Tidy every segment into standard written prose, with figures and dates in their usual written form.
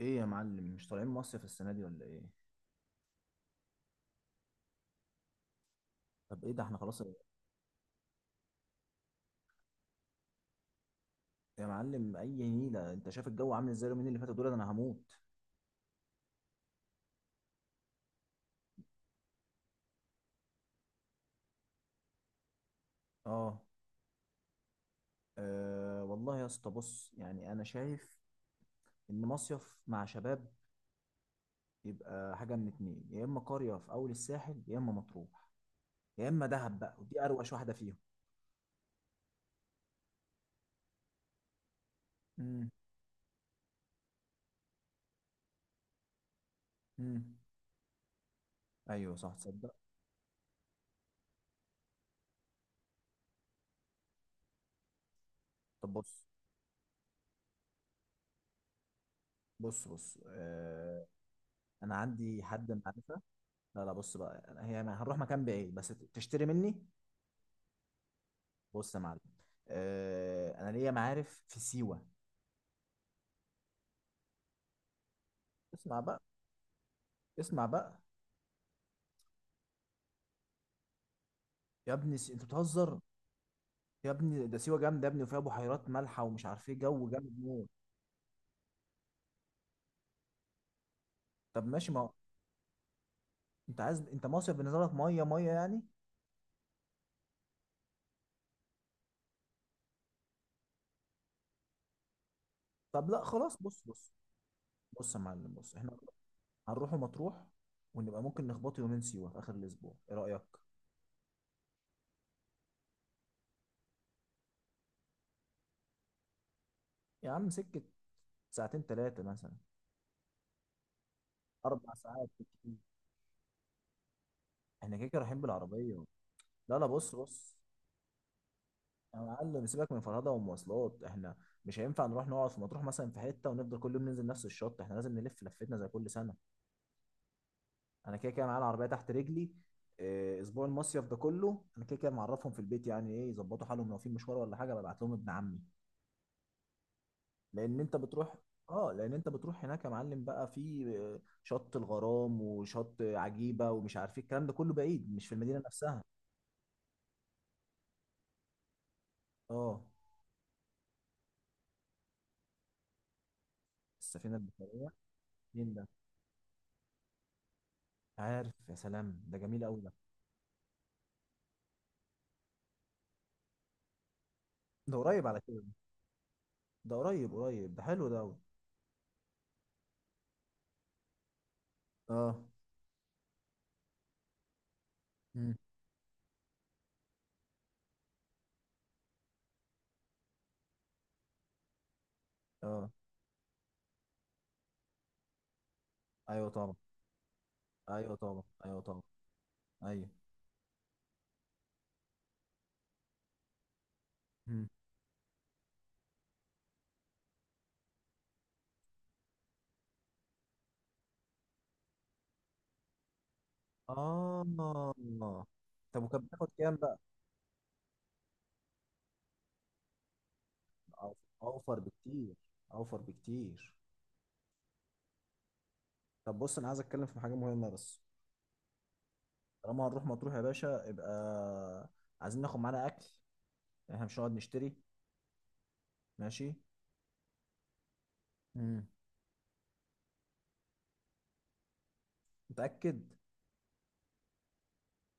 ايه يا معلم، مش طالعين مصيف السنه دي ولا ايه؟ طب ايه ده، احنا خلاص. يا معلم اي نيله، انت شايف الجو عامل ازاي؟ اليومين اللي فاتوا دول انا هموت. اه. آه، والله يا اسطى بص، يعني انا شايف ان مصيف مع شباب يبقى حاجه من اتنين، يا اما قريه في اول الساحل، يا اما مطروح، يا اما دهب بقى، ودي اروش واحده فيهم. امم. امم. ايوه صح، تصدق. طب بص. بص آه، انا عندي حد معرفه. لا لا، بص بقى، هي هنروح مكان بعيد، بس تشتري مني. بص يا معلم، آه انا ليا معارف في سيوه. اسمع بقى. اسمع بقى. يا ابني انت بتهزر. يا ابني ده سيوه جامده يا ابني، وفيها بحيرات مالحه، ومش عارف ايه، جو جامد موت. طب ماشي، ما هو انت عايز، انت مصيف بالنسبه لك ميه ميه يعني. طب لا خلاص، بص بص. بص يا معلم، بص احنا هنروح مطروح، ونبقى ممكن نخبط يومين سيوه في اخر الاسبوع، ايه رايك؟ يا عم سكه، ساعتين ثلاثه مثلا، 4 ساعات بالكتير. احنا كده كده رايحين بالعربيه. لا لا، بص بص، يا معلم سيبك من فرهدة ومواصلات، احنا مش هينفع نروح نقعد في مطروح مثلا في حتة ونفضل كل يوم ننزل نفس الشط، احنا لازم نلف لفتنا زي كل سنة. انا كده كده معايا العربية تحت رجلي. اه، اسبوع المصيف ده كله انا كده كده معرفهم في البيت يعني، ايه يظبطوا حالهم لو في مشوار ولا حاجة ببعت لهم ابن عمي. لان انت بتروح، اه لان انت بتروح هناك يا معلم، بقى في شط الغرام وشط عجيبة ومش عارف ايه، الكلام ده كله بعيد، مش في المدينة نفسها. اه. السفينة البحرية. مين ده؟ عارف؟ يا سلام، ده جميل قوي ده. ده قريب على كده. ده قريب قريب، ده حلو ده أوي. اه. مم. اه. ايوه طبعا. ايوه طبعا، ايوه طبعا. ايوه. مم. اه. طب وكان بتاخد كام بقى؟ أو- اوفر بكتير. اوفر بكتير. طب بص، انا عايز اتكلم في حاجه مهمه بس. طالما هنروح مطروح يا باشا، يبقى عايزين ناخد معانا اكل، احنا مش هنقعد نشتري، ماشي. مم. متاكد؟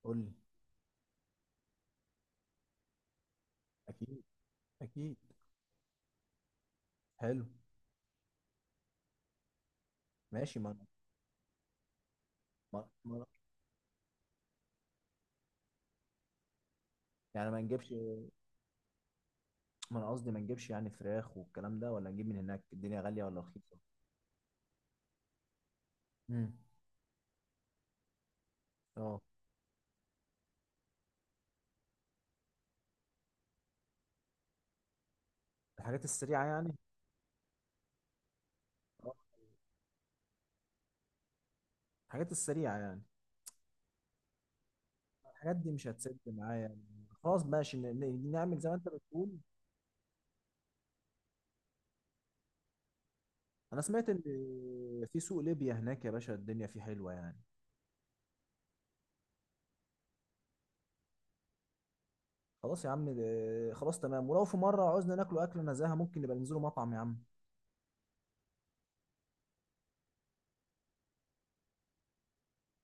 قول لي. اكيد. اكيد. حلو. ماشي، ما ما- يعني ما نجيبش؟ ما انا قصدي ما نجيبش يعني فراخ والكلام ده، ولا نجيب من هناك؟ الدنيا غالية ولا رخيصة؟ امم. اه، الحاجات السريعة يعني. اه، الحاجات السريعة يعني. الحاجات دي مش هتسد معايا، خلاص ماشي، نعمل زي ما انت بتقول. انا سمعت ان في سوق ليبيا هناك يا باشا الدنيا فيه حلوة يعني. خلاص يا عم خلاص تمام، ولو في مرة عاوزنا ناكلوا أكلة نزاهة ممكن نبقى ننزلوا مطعم يا عم.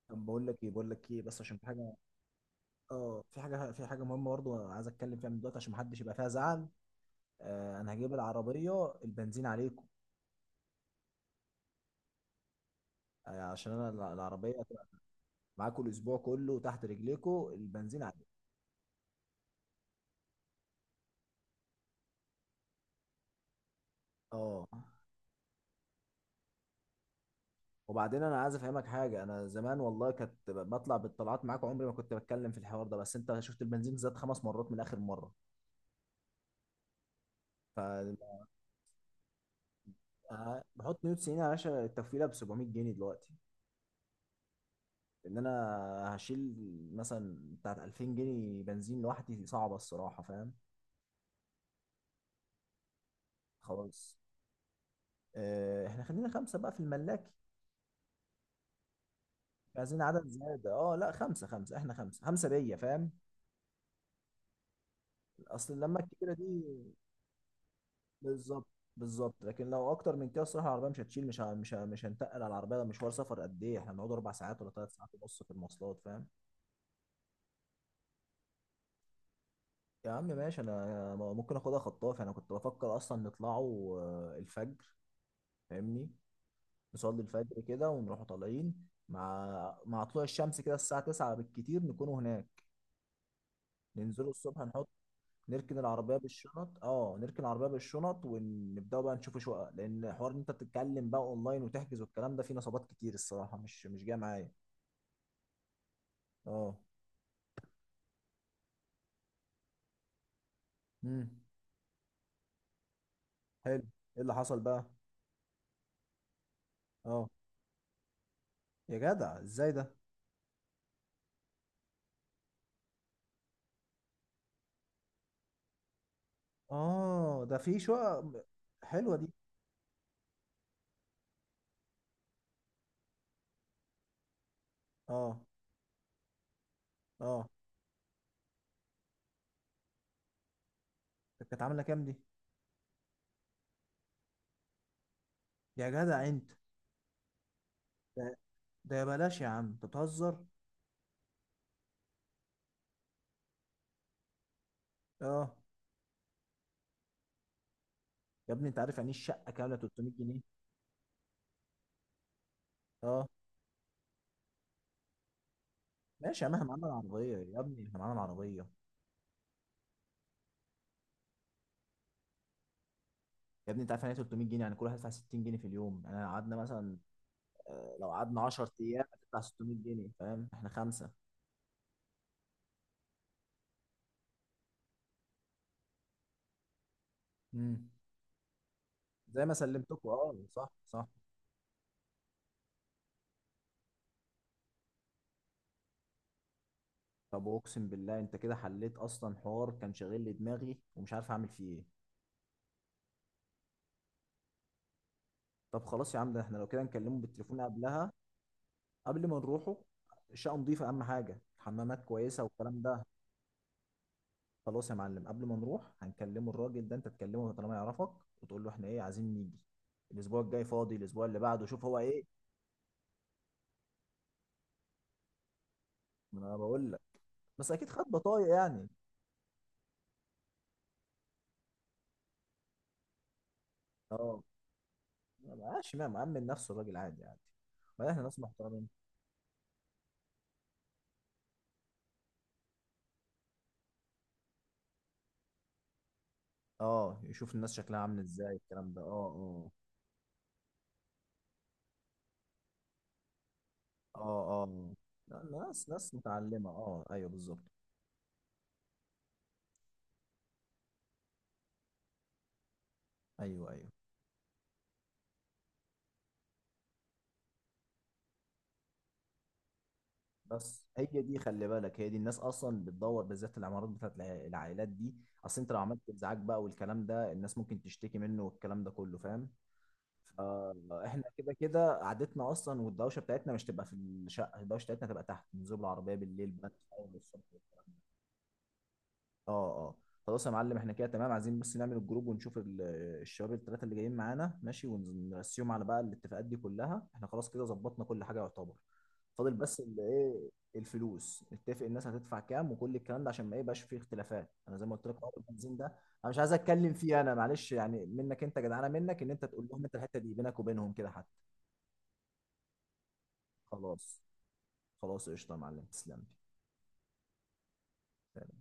طب بقول لك ايه، بقول لك ايه بس عشان في حاجة. اه، في حاجة، في حاجة مهمة برضه عايز اتكلم فيها من دلوقتي، عشان محدش يبقى فيها زعل. آه انا هجيب العربية، البنزين عليه. يعني عشان انا العربيه هتبقى معاكوا الاسبوع كله تحت رجليكوا، البنزين عالي. اه. وبعدين انا عايز افهمك حاجه، انا زمان والله كنت بطلع بالطلعات معاك، عمري ما كنت بتكلم في الحوار ده، بس انت شفت البنزين زاد 5 مرات من اخر مره. ف آه، بحط 190 يا باشا، التفويله ب 700 جنيه دلوقتي. انا هشيل مثلا بتاعت 2000 جنيه بنزين لوحدي، صعبه الصراحه، فاهم. خلاص. احنا خلينا خمسه بقى في الملاكي، مش عايزين عدد زياده، اه لا، خمسه خمسه احنا، خمسه خمسه بيا، فاهم. اصل اللمه الكبيره دي. بالظبط. بالظبط، لكن لو اكتر من كده الصراحه العربيه مش هتشيل، مش هنتقل على العربيه، ده مشوار سفر، قد ايه احنا بنقعد؟ 4 ساعات ولا 3 ساعات ونص في المواصلات، فاهم. يا عم ماشي، انا ممكن اخدها خطاف، انا كنت بفكر اصلا نطلعوا الفجر، فاهمني؟ نصلي الفجر كده ونروحوا طالعين مع طلوع الشمس، كده الساعه 9 بالكتير نكونوا هناك. ننزلوا الصبح، نحط، نركن العربيه بالشنط، نركن العربيه بالشنط ونبداوا بقى نشوف شقق، لان حوار ان انت تتكلم بقى اونلاين وتحجز والكلام ده، فيه نصابات كتير الصراحه، مش جايه معايا. اه. امم. حلو. ايه اللي حصل بقى؟ اه، يا جدع ازاي ده؟ اه، ده في شقق حلوه دي. اه اه. طب كانت عامله كام دي؟ يا جدع انت! ده ده يا بلاش، يا عم انت بتهزر. اه، يا ابني انت عارف يعني ايه الشقه كامله 300 جنيه؟ اه ماشي يا عم، احنا معانا العربيه يا ابني، احنا معانا العربيه. يا ابني انت عارف يعني إيه 300 جنيه؟ يعني كل واحد يدفع 60 جنيه في اليوم، يعني لو قعدنا مثلا، لو قعدنا 10 ايام هتدفع 600 جنيه، فاهم، احنا خمسه. امم. زي ما سلمتكم، اه صح صح. طب اقسم بالله انت كده حليت اصلا حوار كان شاغل لي دماغي ومش عارف اعمل فيه ايه. طب خلاص يا عم، ده احنا لو كده نكلمه بالتليفون قبلها، قبل ما نروحوا. الشقه نضيفه، اهم حاجه حمامات كويسه والكلام ده. خلاص يا معلم، قبل ما نروح هنكلمه الراجل ده، انت تكلمه طالما يعرفك، وتقول له احنا ايه عايزين نيجي، الاسبوع الجاي فاضي الاسبوع اللي بعده، شوف هو ايه. ما انا بقول لك، بس اكيد خد بطايق يعني. اه، ما بقاش ما مأمن نفسه الراجل، عادي عادي، ما احنا ناس محترمين. اه يشوف الناس شكلها عامل ازاي، الكلام ده، اه اه. اه اه. لا، ناس ناس متعلمة، اه ايوه بالظبط. ايوه ايوه. بس هي دي خلي بالك، هي دي الناس اصلا بتدور بالذات العمارات بتاعت العائلات دي. اصل انت لو عملت ازعاج بقى والكلام ده الناس ممكن تشتكي منه والكلام ده كله، فاهم. آه احنا كده كده قعدتنا اصلا، والدوشه بتاعتنا مش تبقى في الشقه، الدوشه بتاعتنا تبقى تحت نزول العربيه بالليل بقى نتفرج، والصبح. اه. اه. خلاص يا معلم، احنا كده تمام، عايزين بس نعمل الجروب ونشوف الشباب الثلاثه اللي جايين معانا، ماشي، ونرسيهم على بقى الاتفاقات دي كلها. احنا خلاص كده ظبطنا كل حاجه يعتبر، فاضل بس ايه، الفلوس، نتفق الناس هتدفع كام وكل الكلام ده، عشان ما يبقاش فيه اختلافات. انا زي ما قلت لك حوار البنزين ده انا مش عايز اتكلم فيه، انا معلش يعني منك، انت جدعانه منك ان انت تقول لهم، انت الحته دي بينك وبينهم كده. خلاص. خلاص قشطة يا معلم، تسلم لي.